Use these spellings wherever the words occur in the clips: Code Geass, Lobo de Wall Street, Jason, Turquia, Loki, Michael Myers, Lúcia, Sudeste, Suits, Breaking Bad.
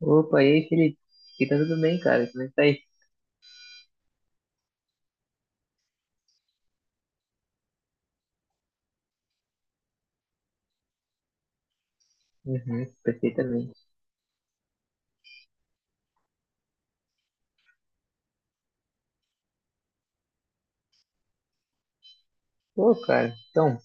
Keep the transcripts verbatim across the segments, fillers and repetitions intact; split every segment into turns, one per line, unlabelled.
Opa, e aí, Felipe? Aqui tá tudo bem, cara? Como é que tá aí? Uhum, perfeitamente. Pô, cara, então,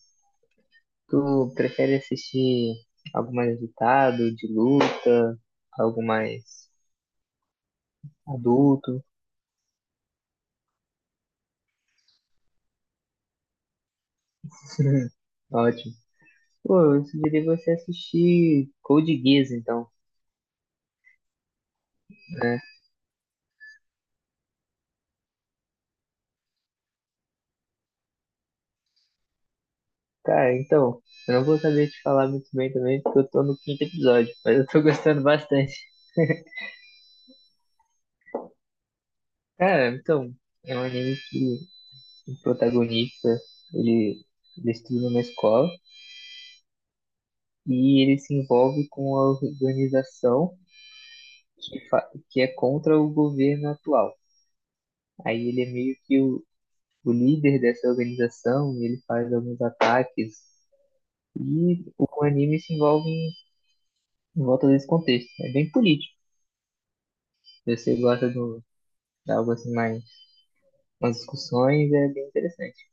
tu prefere assistir algo mais agitado, de luta, algo mais adulto? Ótimo. Pô, eu sugeri você assistir Code Geass, então, né? Cara, então, eu não vou saber te falar muito bem também, porque eu tô no quinto episódio, mas eu tô gostando bastante. Cara, então, é um anime que o protagonista, ele, ele estuda na escola, e ele se envolve com a organização que, fa- que é contra o governo atual. Aí ele é meio que o, o líder dessa organização e ele faz alguns ataques. E o anime se envolve em, em volta desse contexto. É bem político. Se você gosta do, de algo assim mais, umas discussões, é bem interessante.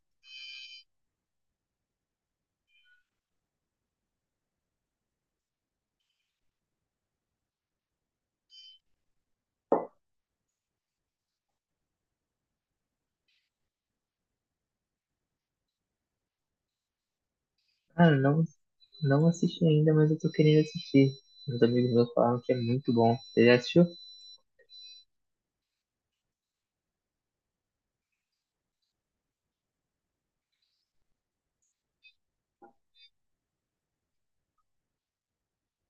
Ah, não, não assisti ainda, mas eu tô querendo assistir. Meus amigos meus falaram que é muito bom. Você já assistiu?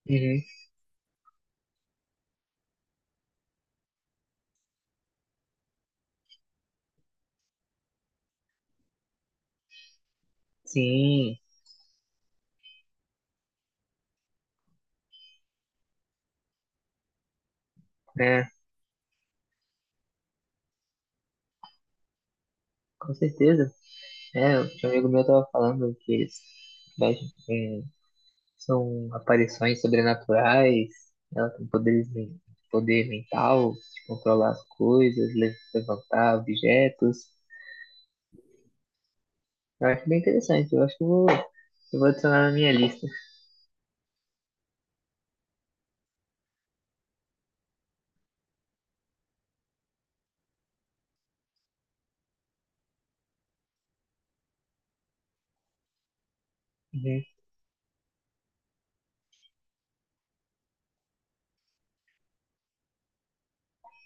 Uhum. Sim, né? Com certeza. É, o tio amigo meu tava falando que eles mexem com- são aparições sobrenaturais, ela tem poderes, men- poder mental, de controlar as coisas, le- levantar objetos. Eu acho bem interessante, eu acho que eu vou, eu vou adicionar na minha lista. Uhum.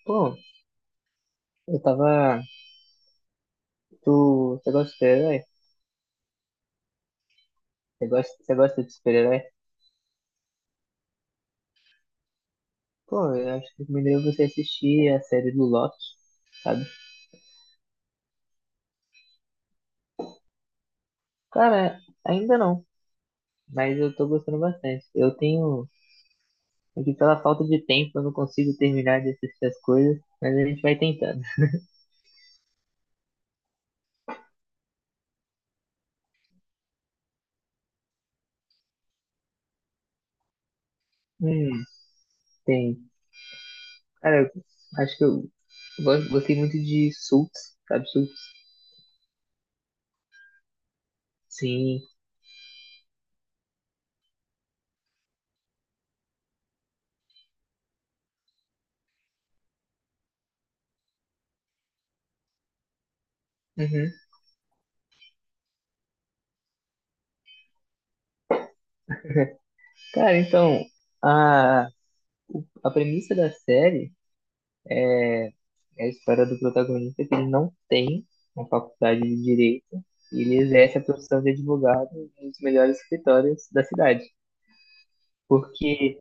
Pô, eu tava. Tu, você gosta de super-herói? Você gosta, você gosta de super-herói? Pô, eu acho que recomendaria você assistir a série do Loki, sabe? Cara, ainda não, mas eu tô gostando bastante. Eu tenho. É que pela falta de tempo eu não consigo terminar de assistir as coisas, mas a gente vai tentando. Hum, tem. Cara, eu acho que eu gosto- gostei muito de Suits, sabe Suits? Sim. Uhum. Cara, então, a, o- a premissa da série é a história do protagonista é que ele não tem uma faculdade de direito e ele exerce a profissão de advogado em um dos melhores escritórios da cidade. Porque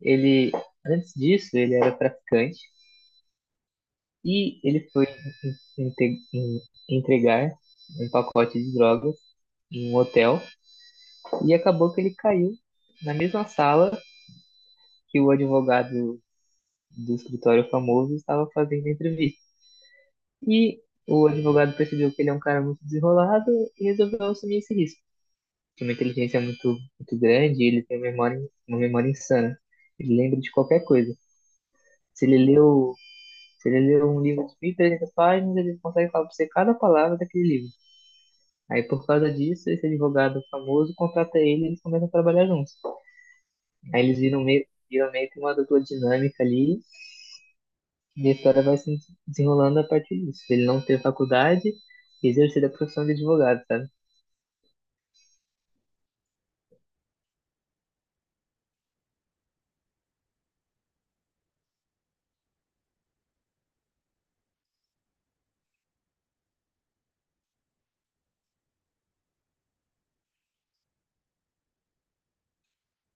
ele, antes disso, ele era traficante. E ele foi inte- em- entregar um pacote de drogas em um hotel e acabou que ele caiu na mesma sala que o advogado do escritório famoso estava fazendo a entrevista. E o advogado percebeu que ele é um cara muito desenrolado e resolveu assumir esse risco. Tem uma inteligência muito, muito grande e ele tem uma memória, uma memória insana. Ele lembra de qualquer coisa. Se ele leu, se ele leu um livro de mil e trezentas páginas, ele consegue falar para você cada palavra daquele livro. Aí por causa disso, esse advogado famoso contrata ele e eles começam a trabalhar juntos. Aí eles viram meio, viram meio que uma dupla dinâmica ali e a história vai se desenrolando a partir disso. Ele não ter faculdade e exercer a profissão de advogado, sabe?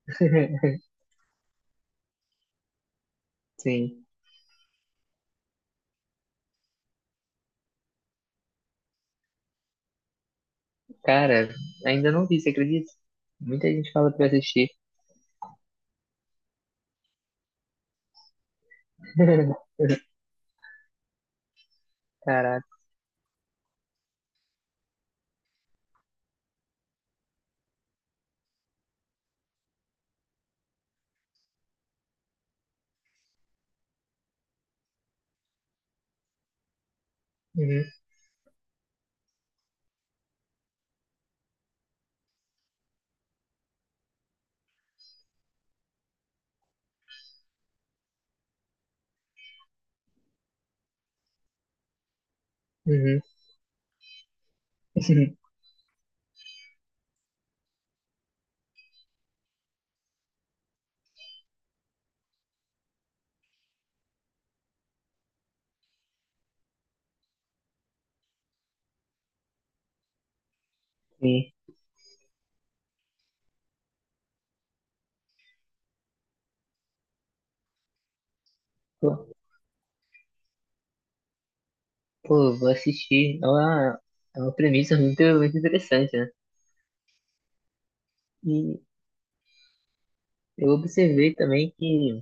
Sim. Cara, ainda não vi, você acredita? Muita gente fala pra assistir. Caraca. Uhum, uhum. Sim. Pô, pô, vou assistir. É uma, é uma premissa muito, muito interessante, né? E eu observei também que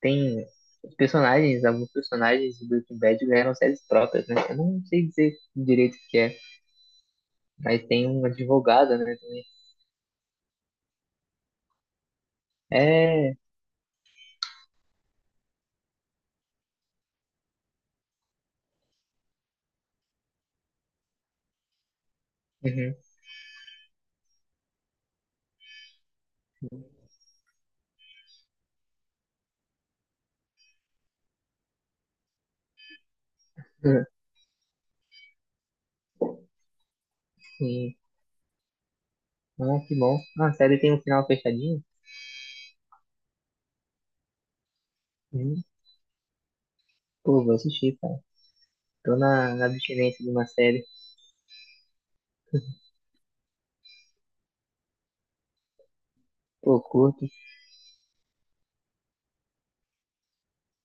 tem os personagens, alguns personagens de Breaking Bad ganharam séries próprias, né? Eu não sei dizer direito o que é, mas tem uma advogada, né? É. Uhum. Sim. Ah, que bom. Ah, a série tem um final fechadinho? Uhum. Pô, vou assistir, cara. Tô na, na abstinência de uma série. Pô, curto,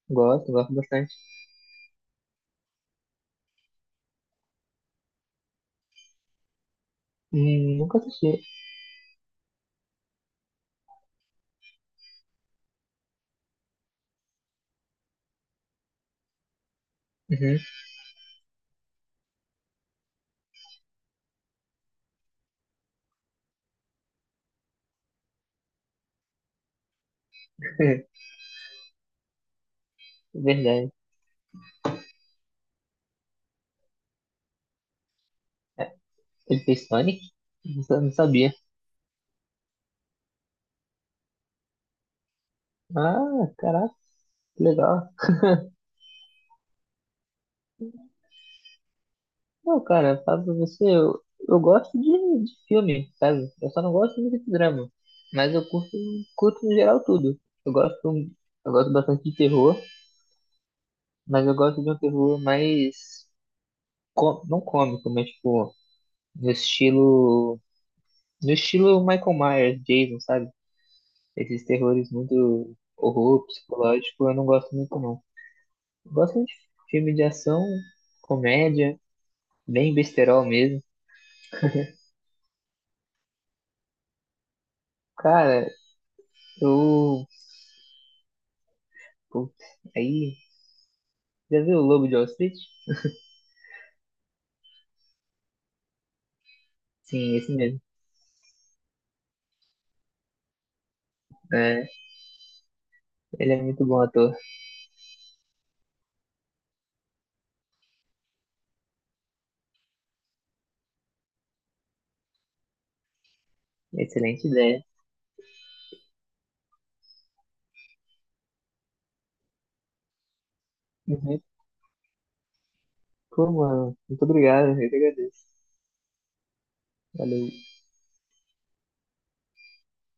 gosto, gosto bastante. Hum, nunca assisti. Uhum. Verdade. É, ele fez Sonic? Não sa- não sabia. Ah, caraca, que legal. Não, cara, falo pra você, eu, eu gosto de, de filme, sabe? Eu só não gosto muito de drama. Mas eu curto, curto no geral tudo. Eu gosto, eu gosto bastante de terror, mas eu gosto de um terror mais, có- não cômico, mas tipo, no estilo, no estilo Michael Myers, Jason, sabe? Esses terrores muito horror, psicológico, eu não gosto muito não. Eu gosto de filme de ação, comédia, bem besterol mesmo. Cara, eu, putz, aí já viu o Lobo de Wall Street? Sim, esse mesmo. É, ele é muito bom ator. Excelente ideia. Uhum. Pô, mano, muito obrigado. Eu que agradeço. Valeu.